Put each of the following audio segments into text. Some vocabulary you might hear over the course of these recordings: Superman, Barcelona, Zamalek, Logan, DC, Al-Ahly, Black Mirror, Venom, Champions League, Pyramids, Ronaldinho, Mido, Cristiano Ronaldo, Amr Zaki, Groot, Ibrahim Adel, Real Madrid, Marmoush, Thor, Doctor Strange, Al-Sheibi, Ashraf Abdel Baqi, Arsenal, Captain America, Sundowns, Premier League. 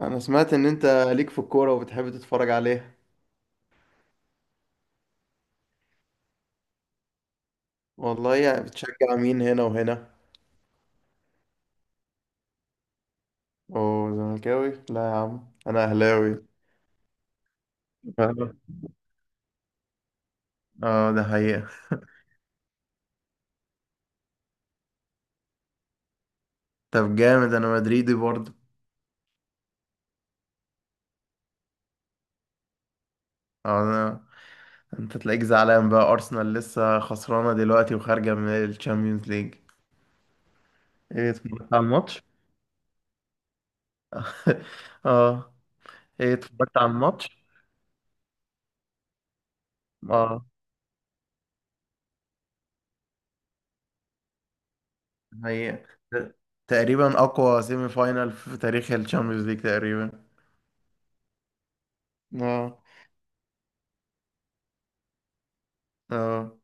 انا سمعت ان انت ليك في الكورة وبتحب تتفرج عليها. والله يعني بتشجع مين هنا وهنا؟ اوه زملكاوي، لا يا عم انا اهلاوي. اه آه، ده حقيقة. طب جامد، انا مدريدي برضه. انا انت تلاقيك زعلان بقى ارسنال لسه خسرانة دلوقتي وخارجة من الشامبيونز ليج. ايه اتفرجت على الماتش؟ اه. ايه اتفرجت على الماتش؟ اه. ده حقيقة. تقريبا اقوى سيمي فاينال في تاريخ الشامبيونز ليج تقريبا. اه. اه.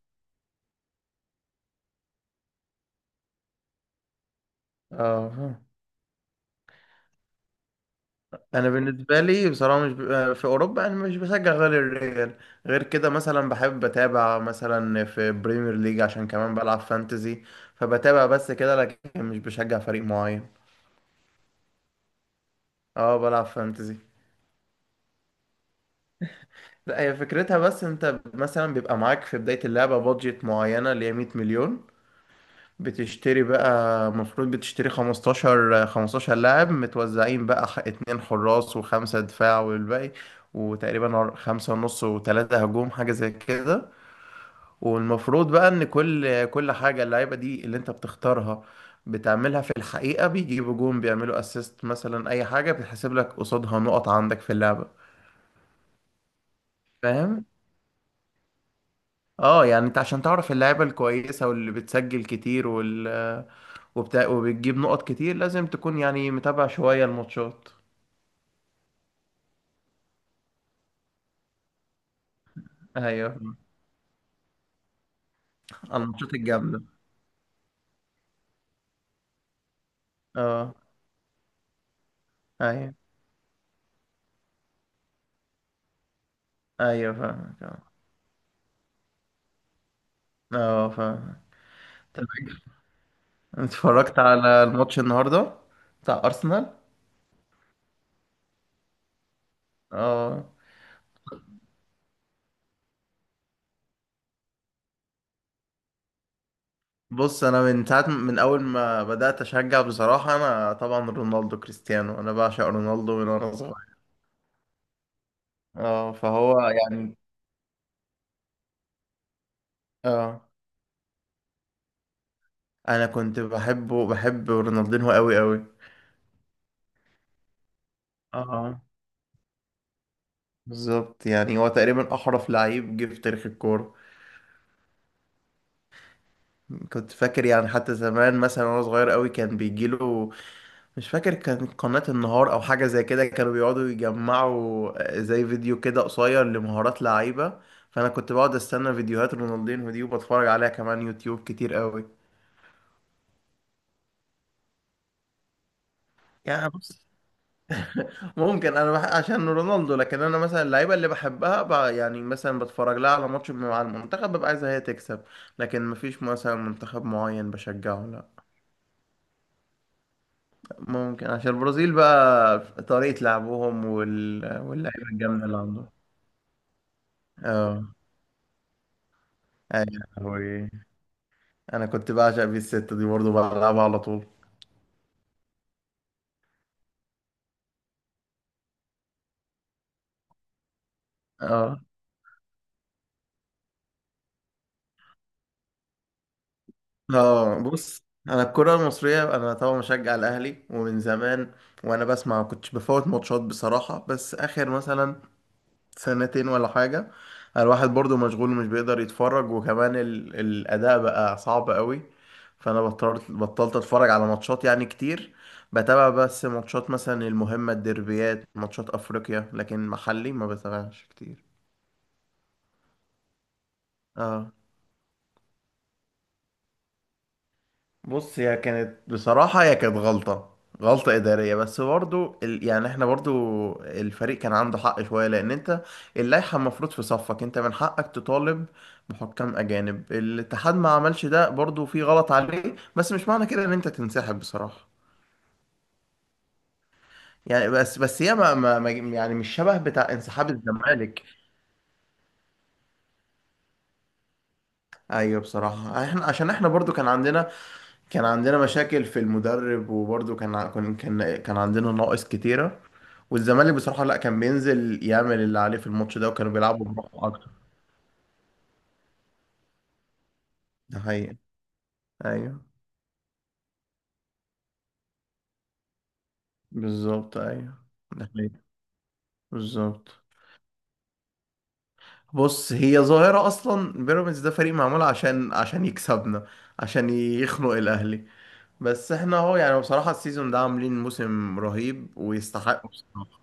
اه. فاهم. انا بالنسبه لي بصراحه مش ب... آه، في اوروبا انا مش بشجع غير الريال. غير كده مثلا بحب اتابع مثلا في بريمير ليج عشان كمان بلعب فانتزي، فبتابع بس كده لكن مش بشجع فريق معين. اه بلعب فانتزي. لا، هي فكرتها بس انت مثلا بيبقى معاك في بدايه اللعبه بادجت معينه اللي هي 100 مليون. بتشتري بقى، المفروض بتشتري 15 لاعب متوزعين بقى، اتنين حراس وخمسة دفاع والباقي، وتقريبا خمسة ونص وتلاتة هجوم حاجة زي كده. والمفروض بقى ان كل حاجة اللعيبة دي اللي انت بتختارها بتعملها في الحقيقة، بيجيبوا جون، بيعملوا اسيست، مثلا اي حاجة بتحسب لك قصادها نقط عندك في اللعبة. فاهم؟ اه يعني انت عشان تعرف اللعيبة الكويسة واللي بتسجل كتير وال وبتجيب نقط كتير، لازم تكون يعني متابع شوية الماتشات. ايوه. الماتشات الجامدة. اه. ايوه. ايوه فاهمك. اه. اه فاهمك. طب اتفرجت على الماتش النهاردة بتاع أرسنال؟ اه. بص، انا من ساعة، من اول ما بدأت اشجع بصراحة انا طبعا رونالدو كريستيانو، انا بعشق رونالدو من وانا صغير. اه فهو يعني. اه. انا كنت بحبه، بحب رونالدينهو قوي قوي. اه بالظبط، يعني هو تقريبا احرف لعيب جه في تاريخ الكوره. كنت فاكر يعني حتى زمان مثلا وانا صغير قوي كان بيجيله، مش فاكر كان قناه النهار او حاجه زي كده، كانوا بيقعدوا يجمعوا زي فيديو كده قصير لمهارات لعيبه، فانا كنت بقعد استنى فيديوهات رونالدينو دي وبتفرج عليها كمان يوتيوب كتير قوي. يعني بص، عشان رونالدو، لكن انا مثلا اللعيبه اللي بحبها يعني مثلا بتفرج لها على ماتش مع المنتخب، ببقى عايزها هي تكسب، لكن مفيش مثلا منتخب معين بشجعه لا. ممكن عشان البرازيل بقى، طريقة لعبهم واللعيبة الجامدة اللي عندهم. اه. ايوه. انا كنت بعشق بيه الستة دي برضه، بلعبها على طول. اه. اه بص، انا الكرة المصرية انا طبعا مشجع الاهلي ومن زمان، وانا بسمع كنتش بفوت ماتشات بصراحة، بس اخر مثلا سنتين ولا حاجة الواحد برضو مشغول ومش بيقدر يتفرج، وكمان الأداء بقى صعب قوي، فأنا بطلت أتفرج على ماتشات يعني كتير. بتابع بس ماتشات مثلا المهمة، الديربيات، ماتشات أفريقيا، لكن محلي ما بتابعش كتير. اه بص، هي كانت بصراحة، هي كانت غلطة، غلطة إدارية، بس برضو يعني احنا برضو الفريق كان عنده حق شوية، لأن انت اللائحة المفروض في صفك، انت من حقك تطالب بحكام أجانب، الاتحاد ما عملش ده، برضو في غلط عليه، بس مش معنى كده إن انت تنسحب بصراحة. يعني بس بس هي ما... ما... ما... يعني مش شبه بتاع انسحاب الزمالك. أيوه بصراحة، احنا عشان احنا برضو كان عندنا، كان عندنا مشاكل في المدرب، وبرضه كان كان عندنا نواقص كتيرة. والزمالك بصراحة لا، كان بينزل يعمل اللي عليه في الماتش ده، وكانوا بيلعبوا بروح أكتر. ده حقيقي. أيوه بالظبط أيوه. ده حقيقي. بالظبط. بص، هي ظاهرة أصلا بيراميدز ده، فريق معمول عشان يكسبنا، عشان يخنق الأهلي، بس احنا اهو يعني بصراحة السيزون ده عاملين موسم رهيب ويستحق بصراحة.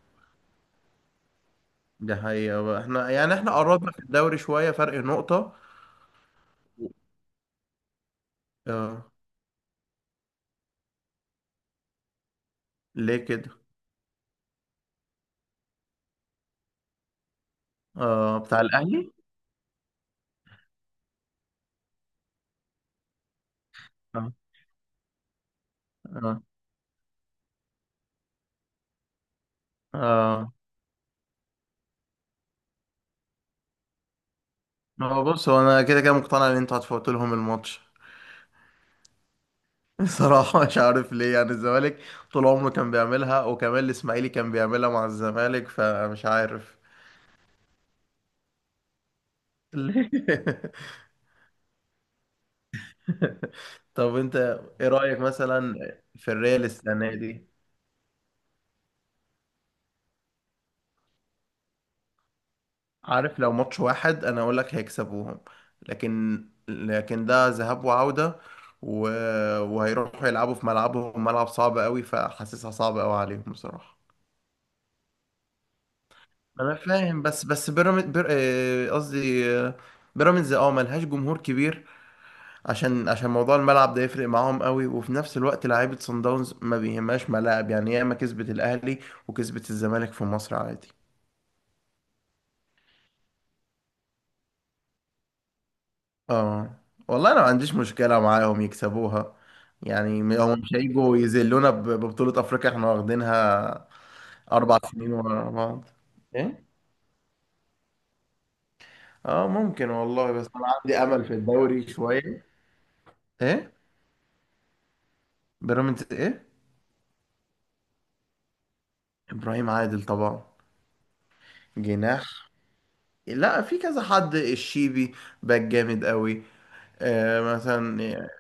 ده حقيقة بقى. احنا يعني احنا قربنا في الدوري شوية، فرق نقطة. اه. ليه كده؟ آه بتاع الاهلي. اه. اه. اه. هو بص، هو انا كده كده مقتنع ان انتوا هتفوتوا لهم الماتش. صراحة مش عارف ليه يعني الزمالك طول عمره كان بيعملها، وكمان الاسماعيلي كان بيعملها مع الزمالك، فمش عارف ليه. طب انت ايه رأيك مثلا في الريال السنة دي؟ عارف، لو ماتش واحد انا اقول لك هيكسبوهم، لكن ده ذهاب وعودة، و... وهيروحوا يلعبوا في ملعبهم، ملعب صعب قوي، فحاسسها صعبة قوي عليهم بصراحة. انا فاهم، بس بس بيراميدز بير... آه، قصدي بيراميدز اه ملهاش جمهور كبير، عشان موضوع الملعب ده يفرق معاهم قوي، وفي نفس الوقت لعيبة صن داونز ما بيهمهاش ملاعب، يعني ياما كسبت الاهلي وكسبت الزمالك في مصر عادي. اه. والله انا ما عنديش مشكلة معاهم يكسبوها، يعني هم مش هيجوا يذلونا ببطولة افريقيا احنا واخدينها اربع سنين ورا بعض. ايه. اه ممكن والله، بس انا عندي امل في الدوري شوية. ايه؟ بيراميدز ايه؟ ابراهيم عادل طبعا، جناح. لا في كذا حد، الشيبي باك جامد قوي، آه مثلا آه،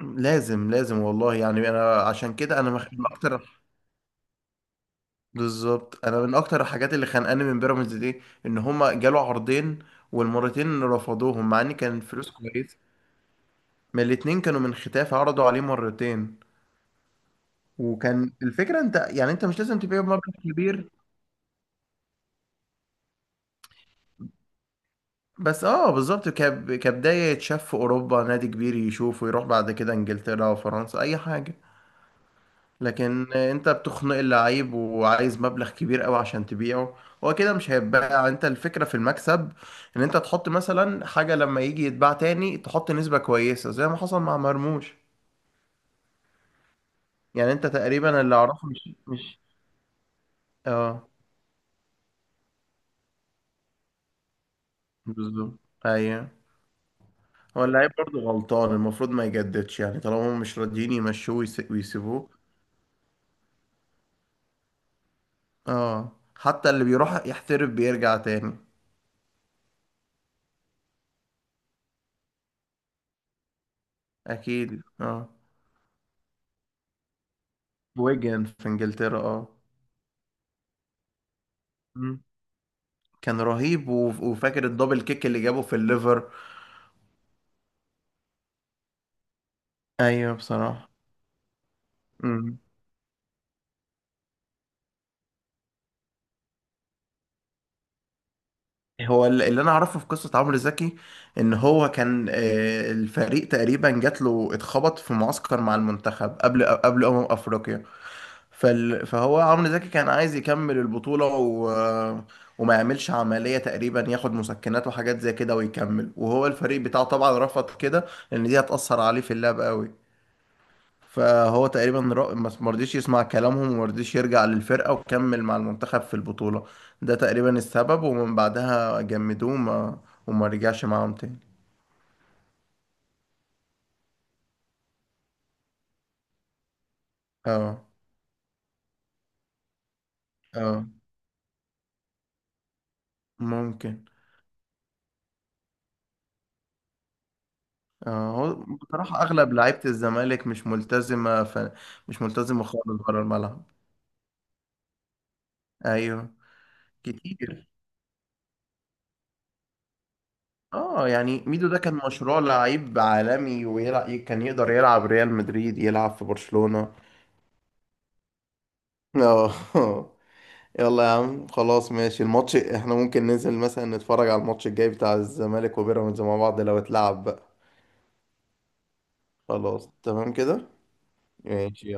لازم لازم والله، يعني انا عشان كده انا اكتر. بالظبط، انا من اكتر الحاجات اللي خانقاني من بيراميدز دي ان هما جالوا عرضين، والمرتين رفضوهم مع ان كان فلوس كويس. من الاتنين، كانوا من ختاف، عرضوا عليه مرتين. وكان الفكره انت يعني انت مش لازم تبيع بمبلغ كبير. بس اه، بالظبط، كبدايه يتشاف في اوروبا، نادي كبير يشوفه، يروح بعد كده انجلترا وفرنسا اي حاجه. لكن انت بتخنق اللعيب وعايز مبلغ كبير قوي عشان تبيعه، هو كده مش هيتباع. انت الفكرة في المكسب، ان انت تحط مثلا حاجة لما يجي يتباع تاني تحط نسبة كويسة زي ما حصل مع مرموش. يعني انت تقريبا اللي اعرفه مش. اه. بالظبط. ايوه. هو اللعيب برضه غلطان، المفروض ما يجددش يعني، طالما هم مش راضيين يمشوه ويسيبوه. اه. حتى اللي بيروح يحترف بيرجع تاني. اكيد اه. ويجن في انجلترا، اه. كان رهيب، وفاكر الدبل كيك اللي جابه في الليفر. ايوه بصراحة. مم. هو اللي انا اعرفه في قصة عمرو زكي، ان هو كان الفريق تقريبا جات له، اتخبط في معسكر مع المنتخب قبل افريقيا، فهو عمرو زكي كان عايز يكمل البطولة، و... وما يعملش عملية تقريبا، ياخد مسكنات وحاجات زي كده ويكمل، وهو الفريق بتاعه طبعا رفض كده، لان دي هتأثر عليه في اللعب قوي. فهو تقريبا ما مرضيش يسمع كلامهم وما رضيش يرجع للفرقة، وكمل مع المنتخب في البطولة. ده تقريبا السبب، ومن بعدها جمدوه وما رجعش معاهم تاني. اه. اه ممكن. اه هو بصراحة أغلب لعيبة الزمالك مش ملتزمة مش ملتزمة خالص بره الملعب. أيوه. كتير. اه يعني ميدو ده كان مشروع لعيب عالمي ويلعب، كان يقدر يلعب ريال مدريد، يلعب في برشلونة. اه. يلا يا عم خلاص ماشي، الماتش احنا ممكن ننزل مثلا نتفرج على الماتش الجاي بتاع الزمالك وبيراميدز مع بعض لو اتلعب بقى. خلاص تمام كده. ماشي يلا.